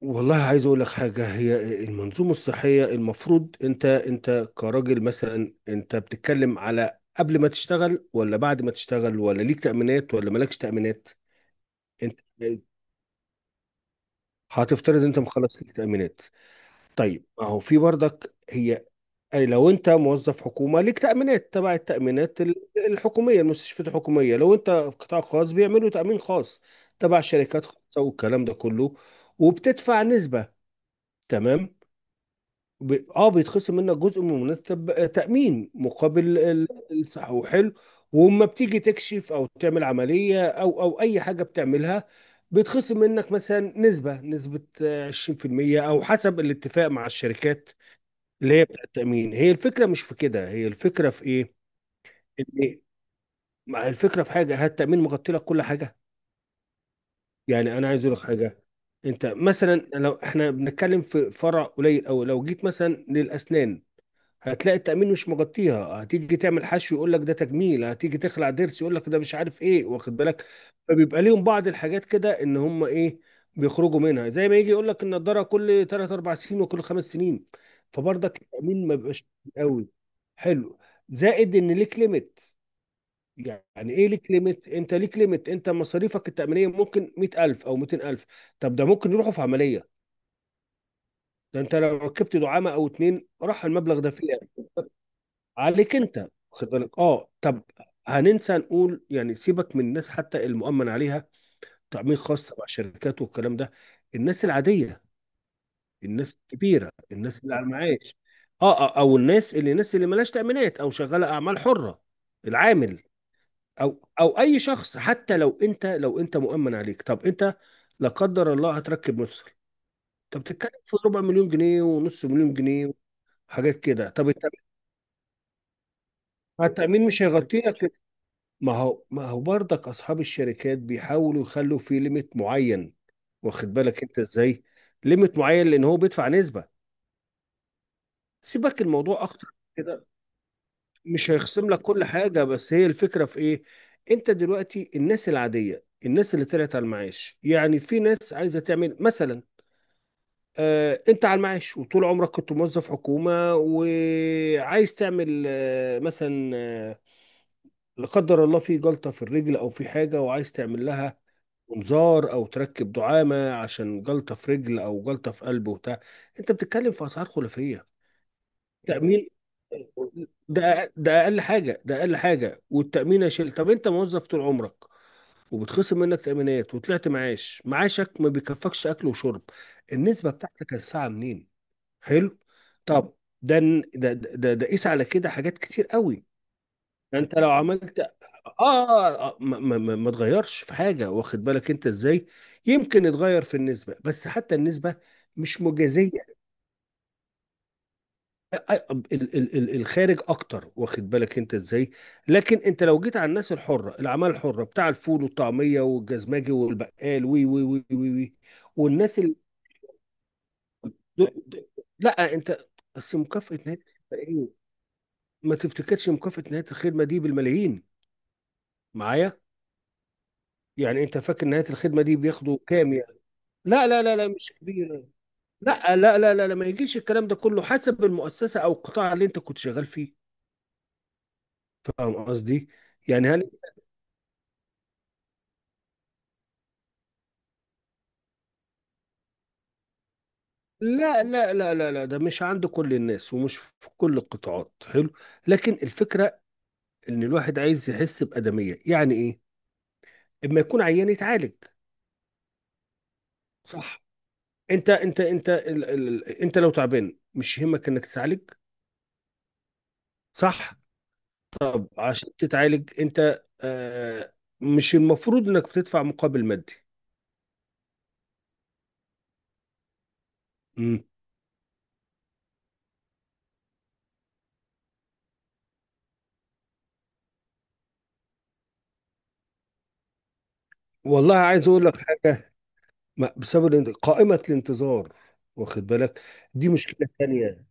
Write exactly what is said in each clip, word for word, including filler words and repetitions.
والله عايز اقول لك حاجه. هي المنظومه الصحيه المفروض انت انت كراجل، مثلا انت بتتكلم على قبل ما تشتغل ولا بعد ما تشتغل، ولا ليك تامينات ولا مالكش تامينات؟ انت هتفترض انت مخلص ليك تامينات. طيب ما هو في برضك هي أي لو انت موظف حكومه ليك تامينات تبع التامينات ال- الحكوميه، المستشفيات الحكوميه. لو انت في قطاع خاص بيعملوا تامين خاص تبع شركات خاصه والكلام ده كله، وبتدفع نسبه. تمام. ب... اه بيتخصم منك جزء من منتب تأمين مقابل ال- الصحة، حلو. وما بتيجي تكشف او تعمل عملية او او اي حاجة بتعملها، بيتخصم منك مثلا نسبة نسبة آه، عشرين في المية، او حسب الاتفاق مع الشركات اللي هي بتاع التأمين. هي الفكرة مش في كده، هي الفكرة في ايه؟ ان ما هي الفكرة في حاجة، هل التأمين مغطي لك كل حاجة؟ يعني انا عايز اقول لك حاجة. انت مثلا لو احنا بنتكلم في فرع قليل، او لو جيت مثلا للاسنان، هتلاقي التأمين مش مغطيها. هتيجي تعمل حشو يقول لك ده تجميل، هتيجي تخلع ضرس يقول لك ده مش عارف ايه، واخد بالك. فبيبقى ليهم بعض الحاجات كده ان هم ايه، بيخرجوا منها. زي ما يجي يقول لك النضارة كل تلات أربعة سنين، وكل خمس سنين. فبرضك التأمين ما بيبقاش قوي، حلو. زائد ان ليك ليميت. يعني ايه ليك ليميت؟ انت ليك ليميت، انت مصاريفك التأمينية ممكن مئة ألف او مئتين ألف. طب ده ممكن يروحوا في عملية، ده انت لو ركبت دعامة او اتنين راح المبلغ ده فيه، عليك انت. واخد بالك؟ اه طب، هننسى نقول يعني سيبك من الناس حتى المؤمن عليها، تأمين خاص تبع شركات والكلام ده. الناس العادية، الناس الكبيرة، الناس اللي على المعاش، اه آه، او الناس اللي الناس اللي مالهاش تأمينات او شغالة اعمال حرة، العامل، او او اي شخص. حتى لو انت لو انت مؤمن عليك، طب انت لا قدر الله هتركب مفصل، طب بتتكلم في ربع مليون جنيه ونص مليون جنيه، حاجات كده. طب التأمين، التأمين مش هيغطي لك. ما هو ما هو برضك اصحاب الشركات بيحاولوا يخلوا فيه ليميت معين. واخد بالك انت ازاي، ليميت معين لان هو بيدفع نسبة. سيبك، الموضوع اخطر من كده. مش هيخصم لك كل حاجة. بس هي الفكرة في ايه؟ انت دلوقتي الناس العادية، الناس اللي طلعت على المعاش، يعني في ناس عايزة تعمل مثلا، آه انت على المعاش وطول عمرك كنت موظف حكومة وعايز تعمل، آه مثلا، آه لا قدر الله في جلطة في الرجل او في حاجة، وعايز تعمل لها منظار او تركب دعامه عشان جلطه في رجل او جلطه في قلب وبتاع. انت بتتكلم في اسعار خلافيه. تامين ده ده اقل حاجه، ده اقل حاجه. والتامين يا شيل. طب انت موظف طول عمرك وبتخصم منك تامينات وطلعت معاش، معاشك ما بيكفكش اكل وشرب، النسبه بتاعتك هتدفعها منين؟ حلو. طب، ده ده ده ده قيس على كده حاجات كتير قوي. انت لو عملت اه, آه, آه ما, ما, ما ما تغيرش في حاجه، واخد بالك انت ازاي. يمكن يتغير في النسبه، بس حتى النسبه مش مجازيه. آه، آه، ال- ال- ال- الخارج اكتر، واخد بالك انت ازاي. لكن انت لو جيت على الناس الحره، الاعمال الحره، بتاع الفول والطعميه والجزماجي والبقال، وي وي وي وي، وي. والناس ال... دول- د- لا انت، بس مكافاه نهايه. ايه، ما تفتكرش مكافاه نهايه الخدمه دي بالملايين؟ معايا، يعني انت فاكر نهايه الخدمه دي بياخدوا كام؟ لا لا لا لا، مش كبير. لا لا لا لا لا، ما يجيش. الكلام ده كله حسب المؤسسة أو القطاع اللي أنت كنت شغال فيه. فاهم قصدي؟ يعني هل لا لا لا لا لا، ده مش عند كل الناس ومش في كل القطاعات، حلو. لكن الفكرة إن الواحد عايز يحس بأدمية. يعني إيه؟ إما يكون عيان يتعالج، صح. أنت أنت أنت ال ال أنت لو تعبان مش يهمك إنك تتعالج؟ صح؟ طب عشان تتعالج أنت، آه مش المفروض إنك بتدفع مقابل مادي. والله عايز اقول لك حاجه. ما- بسبب الانت- قائمه الانتظار، واخد بالك، دي مشكله تانية.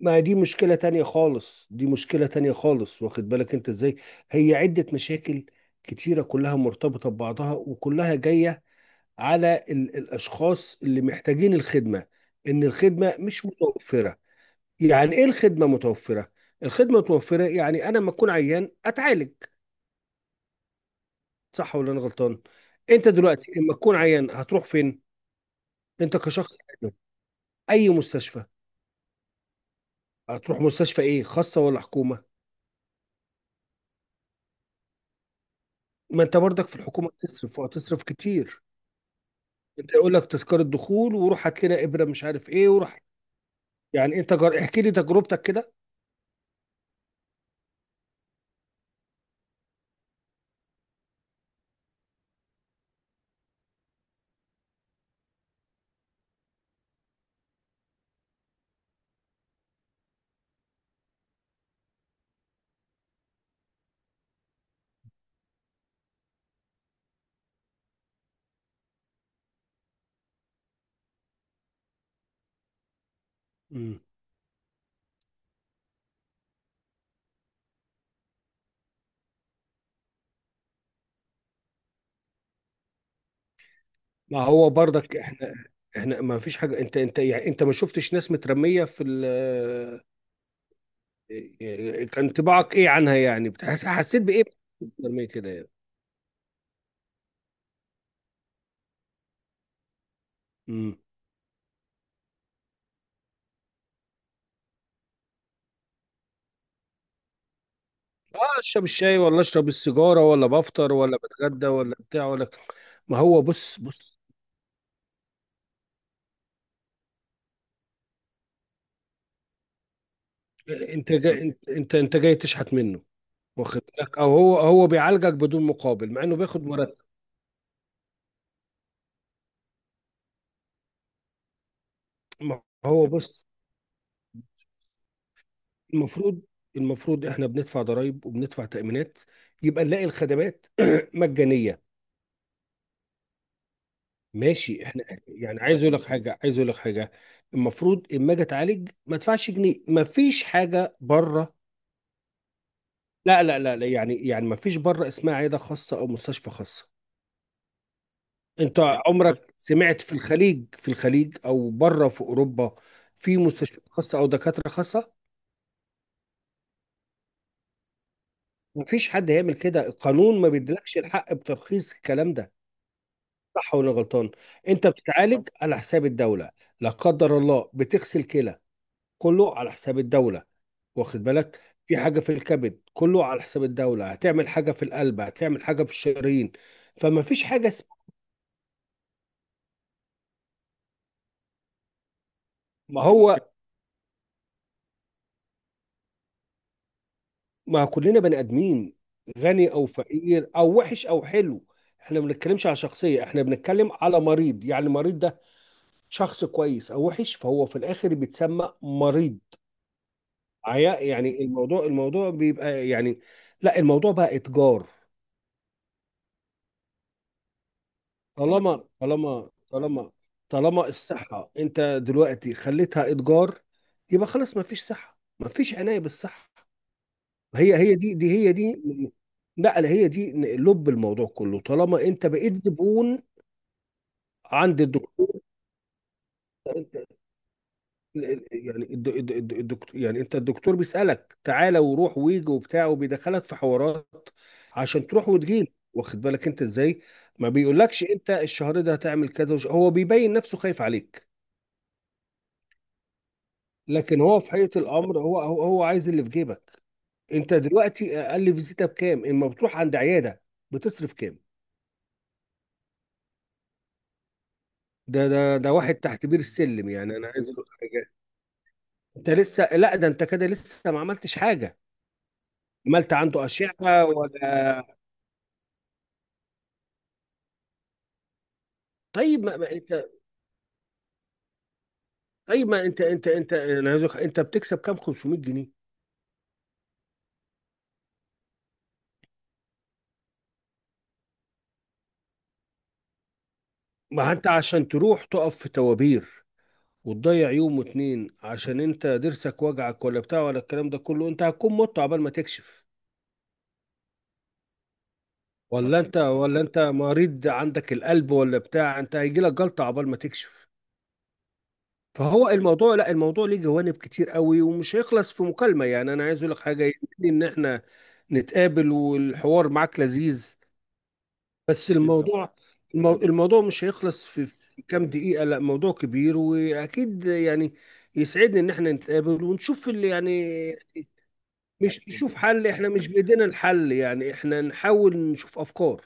ما دي مشكله تانية خالص، دي مشكله تانية خالص، واخد بالك انت ازاي. هي عده مشاكل كتيره كلها مرتبطه ببعضها، وكلها جايه على ال الاشخاص اللي محتاجين الخدمه، ان الخدمه مش متوفره. يعني ايه الخدمه متوفره؟ الخدمه متوفره يعني انا لما اكون عيان اتعالج. صح ولا انا غلطان؟ انت دلوقتي لما تكون عيان هتروح فين؟ انت كشخص. اي مستشفى؟ هتروح مستشفى ايه، خاصه ولا حكومه؟ ما انت برضك في الحكومه هتصرف، وهتصرف كتير. انت يقول لك تذكره دخول، وروح هات لنا ابره مش عارف ايه، وروح. يعني انت جر... احكي لي تجربتك كده. مم. ما هو برضك احنا، احنا ما فيش حاجه. انت انت يعني انت ما شفتش ناس مترميه في ال آه، كان انطباعك ايه عنها؟ يعني بتحس... حسيت بايه؟ مترميه كده يعني. مم. اه، اشرب الشاي ولا اشرب السيجاره، ولا بفطر ولا بتغدى ولا بتاع، ولا. ما هو بص بص، انت جاي، انت انت انت جاي تشحت منه، واخد بالك. او هو هو بيعالجك بدون مقابل مع انه بياخد مرتب. ما هو بص، المفروض المفروض احنا بندفع ضرائب وبندفع تأمينات، يبقى نلاقي الخدمات مجانية. ماشي احنا يعني، عايز اقول لك حاجة عايز اقول لك حاجة. المفروض اما اجي اتعالج ما ادفعش جنيه، ما فيش حاجة بره. لا لا لا لا، يعني يعني ما فيش بره اسمها عيادة خاصة او مستشفى خاصة. انت عمرك سمعت في الخليج، في الخليج او بره في اوروبا، في مستشفيات خاصه او دكاتره خاصه؟ مفيش حد هيعمل كده، القانون ما بيديلكش الحق بترخيص الكلام ده. صح ولا غلطان؟ انت بتتعالج على حساب الدوله، لا قدر الله بتغسل كلى كله على حساب الدوله. واخد بالك. في حاجه في الكبد كله على حساب الدوله، هتعمل حاجه في القلب، هتعمل حاجه في الشرايين. فما فيش حاجه اسمها. ما هو ما كلنا بني ادمين، غني او فقير او وحش او حلو. احنا ما بنتكلمش على شخصيه، احنا بنتكلم على مريض. يعني المريض ده شخص كويس او وحش، فهو في الاخر بيتسمى مريض. عيا- يعني الموضوع الموضوع بيبقى يعني، لا الموضوع بقى اتجار. طالما طالما طالما طالما الصحه انت دلوقتي خليتها اتجار، يبقى خلاص ما فيش صحه، ما فيش عنايه بالصحه. هي هي دي دي هي دي. لا لا، هي دي لب الموضوع كله. طالما انت بقيت زبون عند الدكتور، يعني الد- الد- الد- الدكتور. يعني انت الدكتور بيسألك تعالى وروح ويجي وبتاع، وبيدخلك في حوارات عشان تروح وتجيله. واخد بالك انت ازاي. ما بيقولكش انت الشهر ده هتعمل كذا وش... هو بيبين نفسه خايف عليك. لكن هو في حقيقة الامر هو هو هو عايز اللي في جيبك. انت دلوقتي اقل فيزيتا بكام اما بتروح عند عيادة، بتصرف كام؟ ده ده ده واحد تحت بير السلم. يعني انا عايز اقول حاجه، انت لسه، لا ده انت كده لسه ما عملتش حاجه. عملت عنده اشعه ولا؟ طيب ما ما انت طيب ما انت، انت انت انا عايز أقول- انت بتكسب كام، خمسمية جنيه؟ ما انت عشان تروح تقف في توابير وتضيع يوم واتنين عشان انت ضرسك وجعك ولا بتاع ولا الكلام ده كله، انت هتكون مت عبال ما تكشف. ولا انت ولا انت مريض عندك القلب ولا بتاع، انت هيجيلك جلطه عبال ما تكشف. فهو الموضوع، لا الموضوع ليه جوانب كتير قوي، ومش هيخلص في مكالمة. يعني انا عايز اقول لك حاجة، يمكن ان احنا نتقابل. والحوار معاك لذيذ بس جدا. الموضوع، المو- الموضوع مش هيخلص في في كام دقيقة. لا موضوع كبير، واكيد يعني يسعدني ان احنا نتقابل ونشوف اللي يعني، مش أكيد نشوف حل، احنا مش بايدينا الحل، يعني احنا نحاول نشوف افكار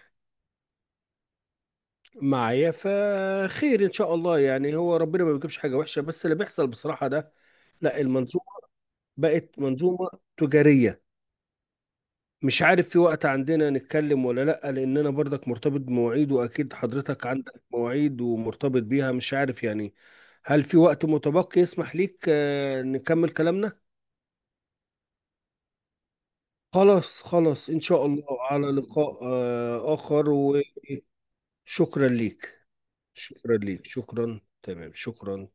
معايا، فخير ان شاء الله. يعني هو ربنا ما بيجيبش حاجة وحشة، بس اللي بيحصل بصراحة ده، لا، بقت منظومة تجارية. مش عارف في وقت عندنا نتكلم ولا لأ، لأن أنا برضك مرتبط بمواعيد وأكيد حضرتك عندك مواعيد ومرتبط بيها، مش عارف يعني. هل في وقت متبقي يسمح ليك آه، نكمل كلامنا؟ خلاص خلاص إن شاء الله. على لقاء آه، آخر. وشكرا ليك. شكرا ليك، شكرا، تمام، شكرا.